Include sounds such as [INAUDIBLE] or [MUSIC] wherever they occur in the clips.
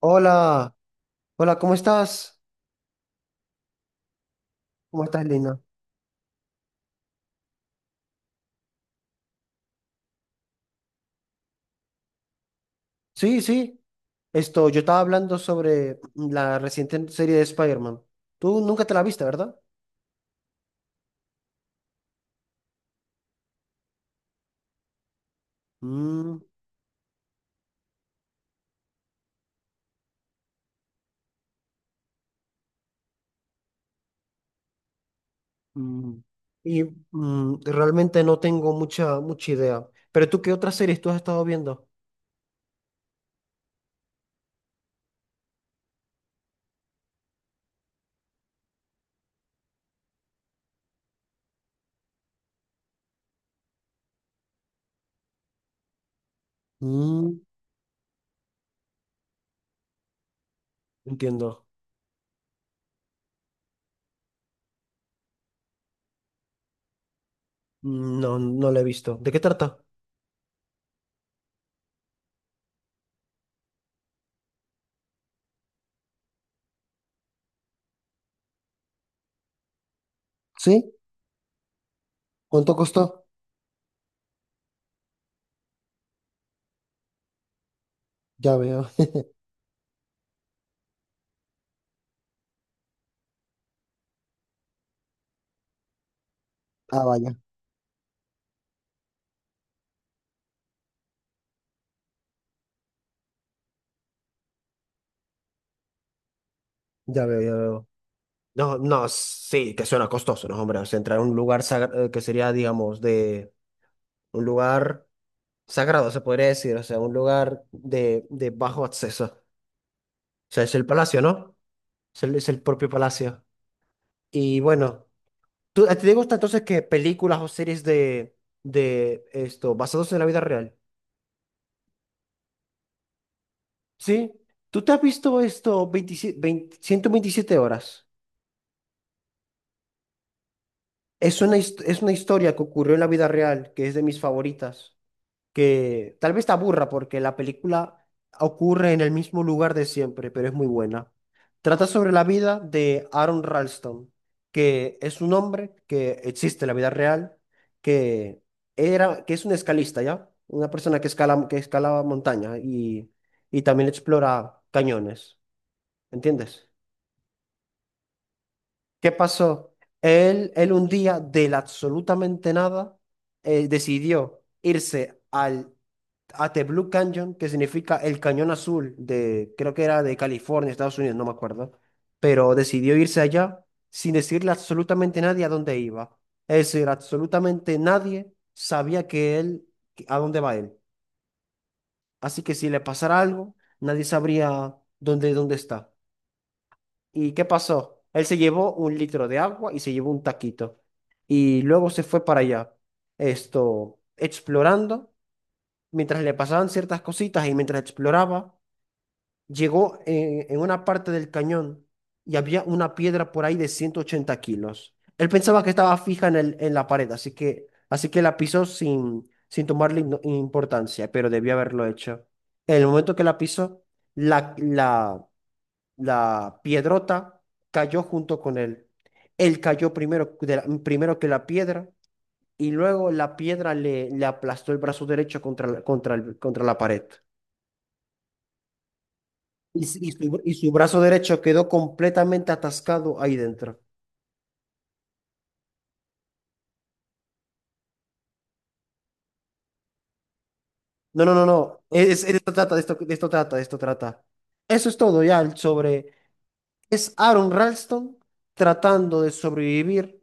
Hola, hola, ¿cómo estás? ¿Cómo estás, Lina? Sí, sí, esto, yo estaba hablando sobre la reciente serie de Spider-Man. Tú nunca te la viste, ¿verdad? Mm, mm. Y realmente no tengo mucha, mucha idea. Pero tú, ¿qué otras series tú has estado viendo? Mm, entiendo. Mm. No, no la he visto. ¿De qué trata? ¿Sí? ¿Cuánto costó? Ya veo. [LAUGHS] Ah, vaya. Ya veo, ya veo. No, no, sí, que suena costoso, ¿no, hombre? O sea, entrar a un lugar que sería, digamos, de un lugar sagrado, se podría decir, o sea, un lugar de bajo acceso. O sea, es el palacio, ¿no? Es el propio palacio. Y bueno, ¿tú, a ti te gusta entonces que películas o series de esto, basados en la vida real? ¿Sí? ¿Tú te has visto esto 27, 127 horas? Es una historia que ocurrió en la vida real, que es de mis favoritas. Que tal vez te aburra porque la película ocurre en el mismo lugar de siempre, pero es muy buena. Trata sobre la vida de Aaron Ralston, que es un hombre que existe en la vida real, que era, que es un escalista, ¿ya? Una persona que escala montaña y también explora cañones, ¿entiendes? ¿Qué pasó? Él un día del absolutamente nada decidió irse al At the Blue Canyon, que significa el cañón azul de, creo que era de California, Estados Unidos, no me acuerdo, pero decidió irse allá sin decirle absolutamente a nadie a dónde iba. Es decir, absolutamente nadie sabía a dónde va él. Así que si le pasara algo, nadie sabría dónde está. ¿Y qué pasó? Él se llevó un litro de agua y se llevó un taquito. Y luego se fue para allá, explorando, mientras le pasaban ciertas cositas y mientras exploraba llegó en una parte del cañón y había una piedra por ahí de 180 kilos. Él pensaba que estaba fija en el, en la pared, así que la pisó sin tomarle importancia, pero debió haberlo hecho. En el momento que la pisó, la, la, la piedrota cayó junto con él. Él cayó primero, primero que la piedra y luego la piedra le aplastó el brazo derecho contra la pared. Y su brazo derecho quedó completamente atascado ahí dentro. No, no, no, no. De esto trata, de esto trata. Eso es todo ya sobre. Es Aaron Ralston tratando de sobrevivir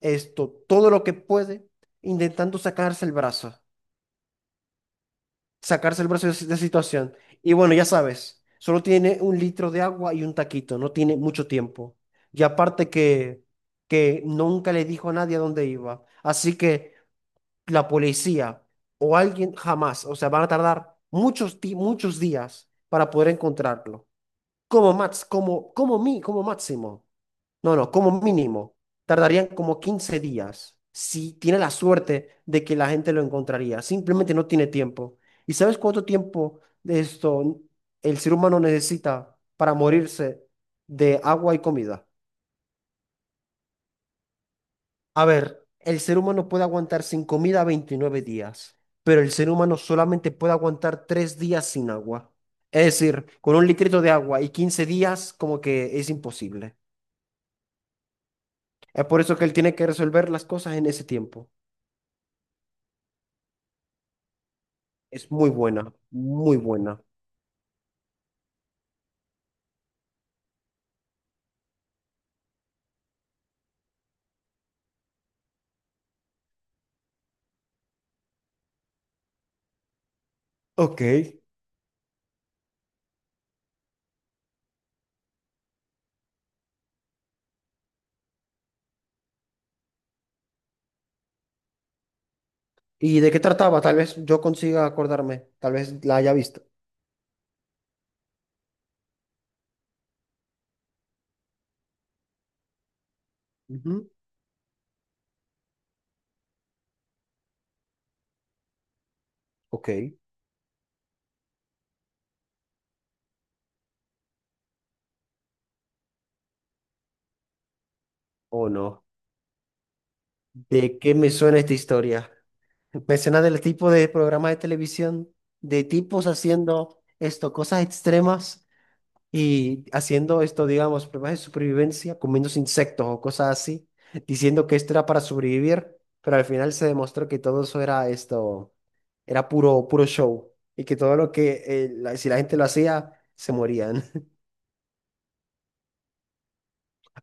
todo lo que puede, intentando sacarse el brazo, de esa situación. Y bueno, ya sabes, solo tiene un litro de agua y un taquito, no tiene mucho tiempo. Y aparte que nunca le dijo a nadie a dónde iba. Así que la policía o alguien jamás, o sea, van a tardar muchos días para poder encontrarlo. Como max, como, como mi, como máximo. No, no, como mínimo. Tardarían como 15 días si tiene la suerte de que la gente lo encontraría. Simplemente no tiene tiempo. ¿Y sabes cuánto tiempo de esto el ser humano necesita para morirse de agua y comida? A ver, el ser humano puede aguantar sin comida 29 días, pero el ser humano solamente puede aguantar 3 días sin agua. Es decir, con un litrito de agua y 15 días, como que es imposible. Es por eso que él tiene que resolver las cosas en ese tiempo. Es muy buena, muy buena. Ok. ¿Y de qué trataba? Tal vez yo consiga acordarme, tal vez la haya visto. Ujú. Ok. ¿O no? ¿De qué me suena esta historia? Mecenas del tipo de programas de televisión, de tipos haciendo cosas extremas y haciendo digamos, pruebas de supervivencia, comiéndose insectos o cosas así, diciendo que esto era para sobrevivir, pero al final se demostró que todo eso era era puro, puro show y que todo lo que, si la gente lo hacía, se morían.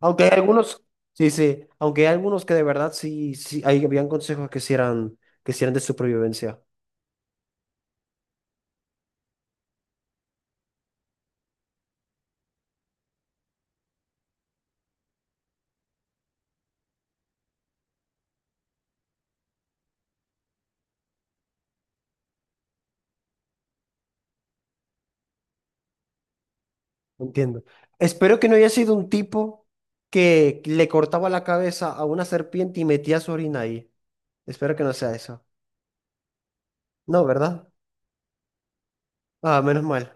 Aunque hay algunos, sí, sí, aunque hay algunos que de verdad sí, sí, hay, habían consejos que sí eran, de supervivencia. Entiendo. Espero que no haya sido un tipo que le cortaba la cabeza a una serpiente y metía su orina ahí. Espero que no sea eso. No, ¿verdad? Ah, menos mal.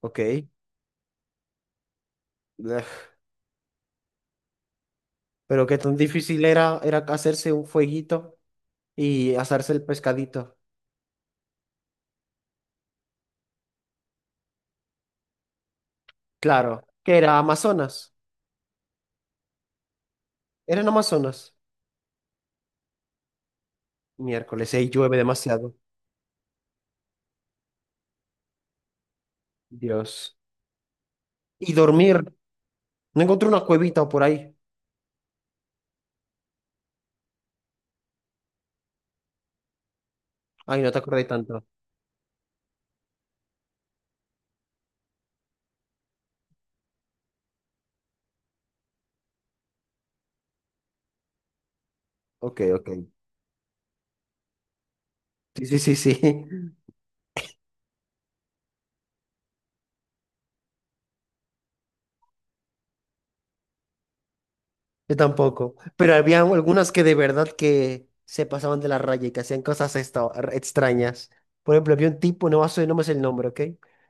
Ok. [LAUGHS] Pero qué tan difícil era hacerse un fueguito y asarse el pescadito. Claro, que era Amazonas. Eran Amazonas. Miércoles, ahí llueve demasiado. Dios. Y dormir. No encontré una cuevita o por ahí. Ay, no te acordé tanto. Ok, ok. Sí, sí, sí, sí. Yo tampoco, pero había algunas que de verdad que se pasaban de la raya y que hacían cosas extrañas. Por ejemplo, había un tipo, no me sé el nombre, ¿ok?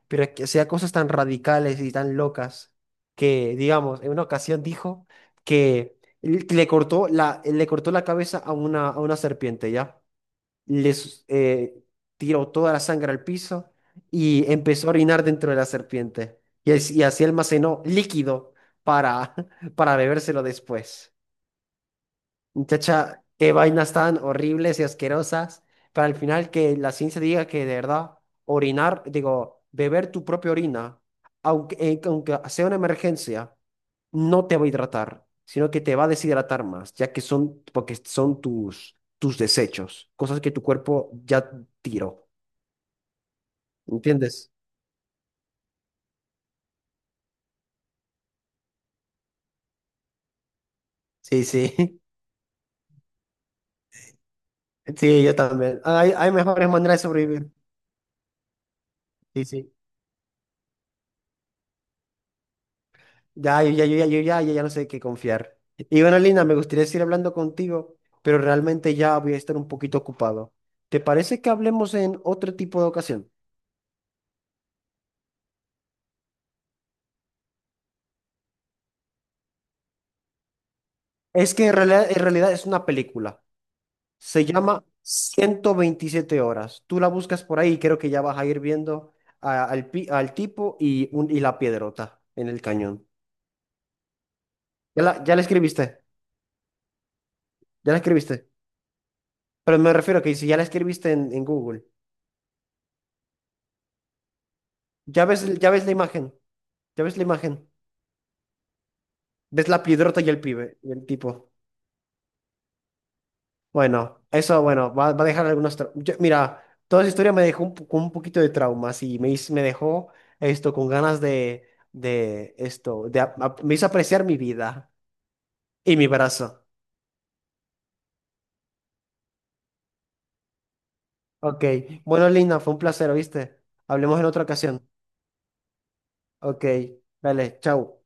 Pero que hacía cosas tan radicales y tan locas que, digamos, en una ocasión dijo que él le cortó la cabeza a una serpiente, ¿ya? Les Tiró toda la sangre al piso y empezó a orinar dentro de la serpiente. Y así almacenó líquido para, [LAUGHS] para bebérselo después. Muchacha, qué vainas tan horribles y asquerosas. Para al final que la ciencia diga que de verdad orinar, digo, beber tu propia orina, aunque, aunque sea una emergencia, no te va a hidratar, sino que te va a deshidratar más, ya que son, porque son tus desechos, cosas que tu cuerpo ya tiró. ¿Entiendes? Sí, sí. [LAUGHS] Sí, yo también. Hay mejores maneras de sobrevivir. Sí, sí. Ya no sé qué confiar. Y bueno, Lina, me gustaría seguir hablando contigo, pero realmente ya voy a estar un poquito ocupado. ¿Te parece que hablemos en otro tipo de ocasión? Es que en realidad es una película. Se llama 127 horas. Tú la buscas por ahí y creo que ya vas a ir viendo al tipo y la piedrota en el cañón. Ya la escribiste, ya la escribiste. Pero me refiero a que si ya la escribiste en Google, ya ves la imagen, ya ves la imagen. Ves la piedrota y el pibe, y el tipo. Bueno, eso, bueno, va a dejar algunos mira, toda esa historia me dejó con un poquito de traumas y me dejó esto con ganas de me hizo apreciar mi vida y mi brazo. Ok, bueno, Lina, fue un placer, ¿viste? Hablemos en otra ocasión. Ok, dale, chao.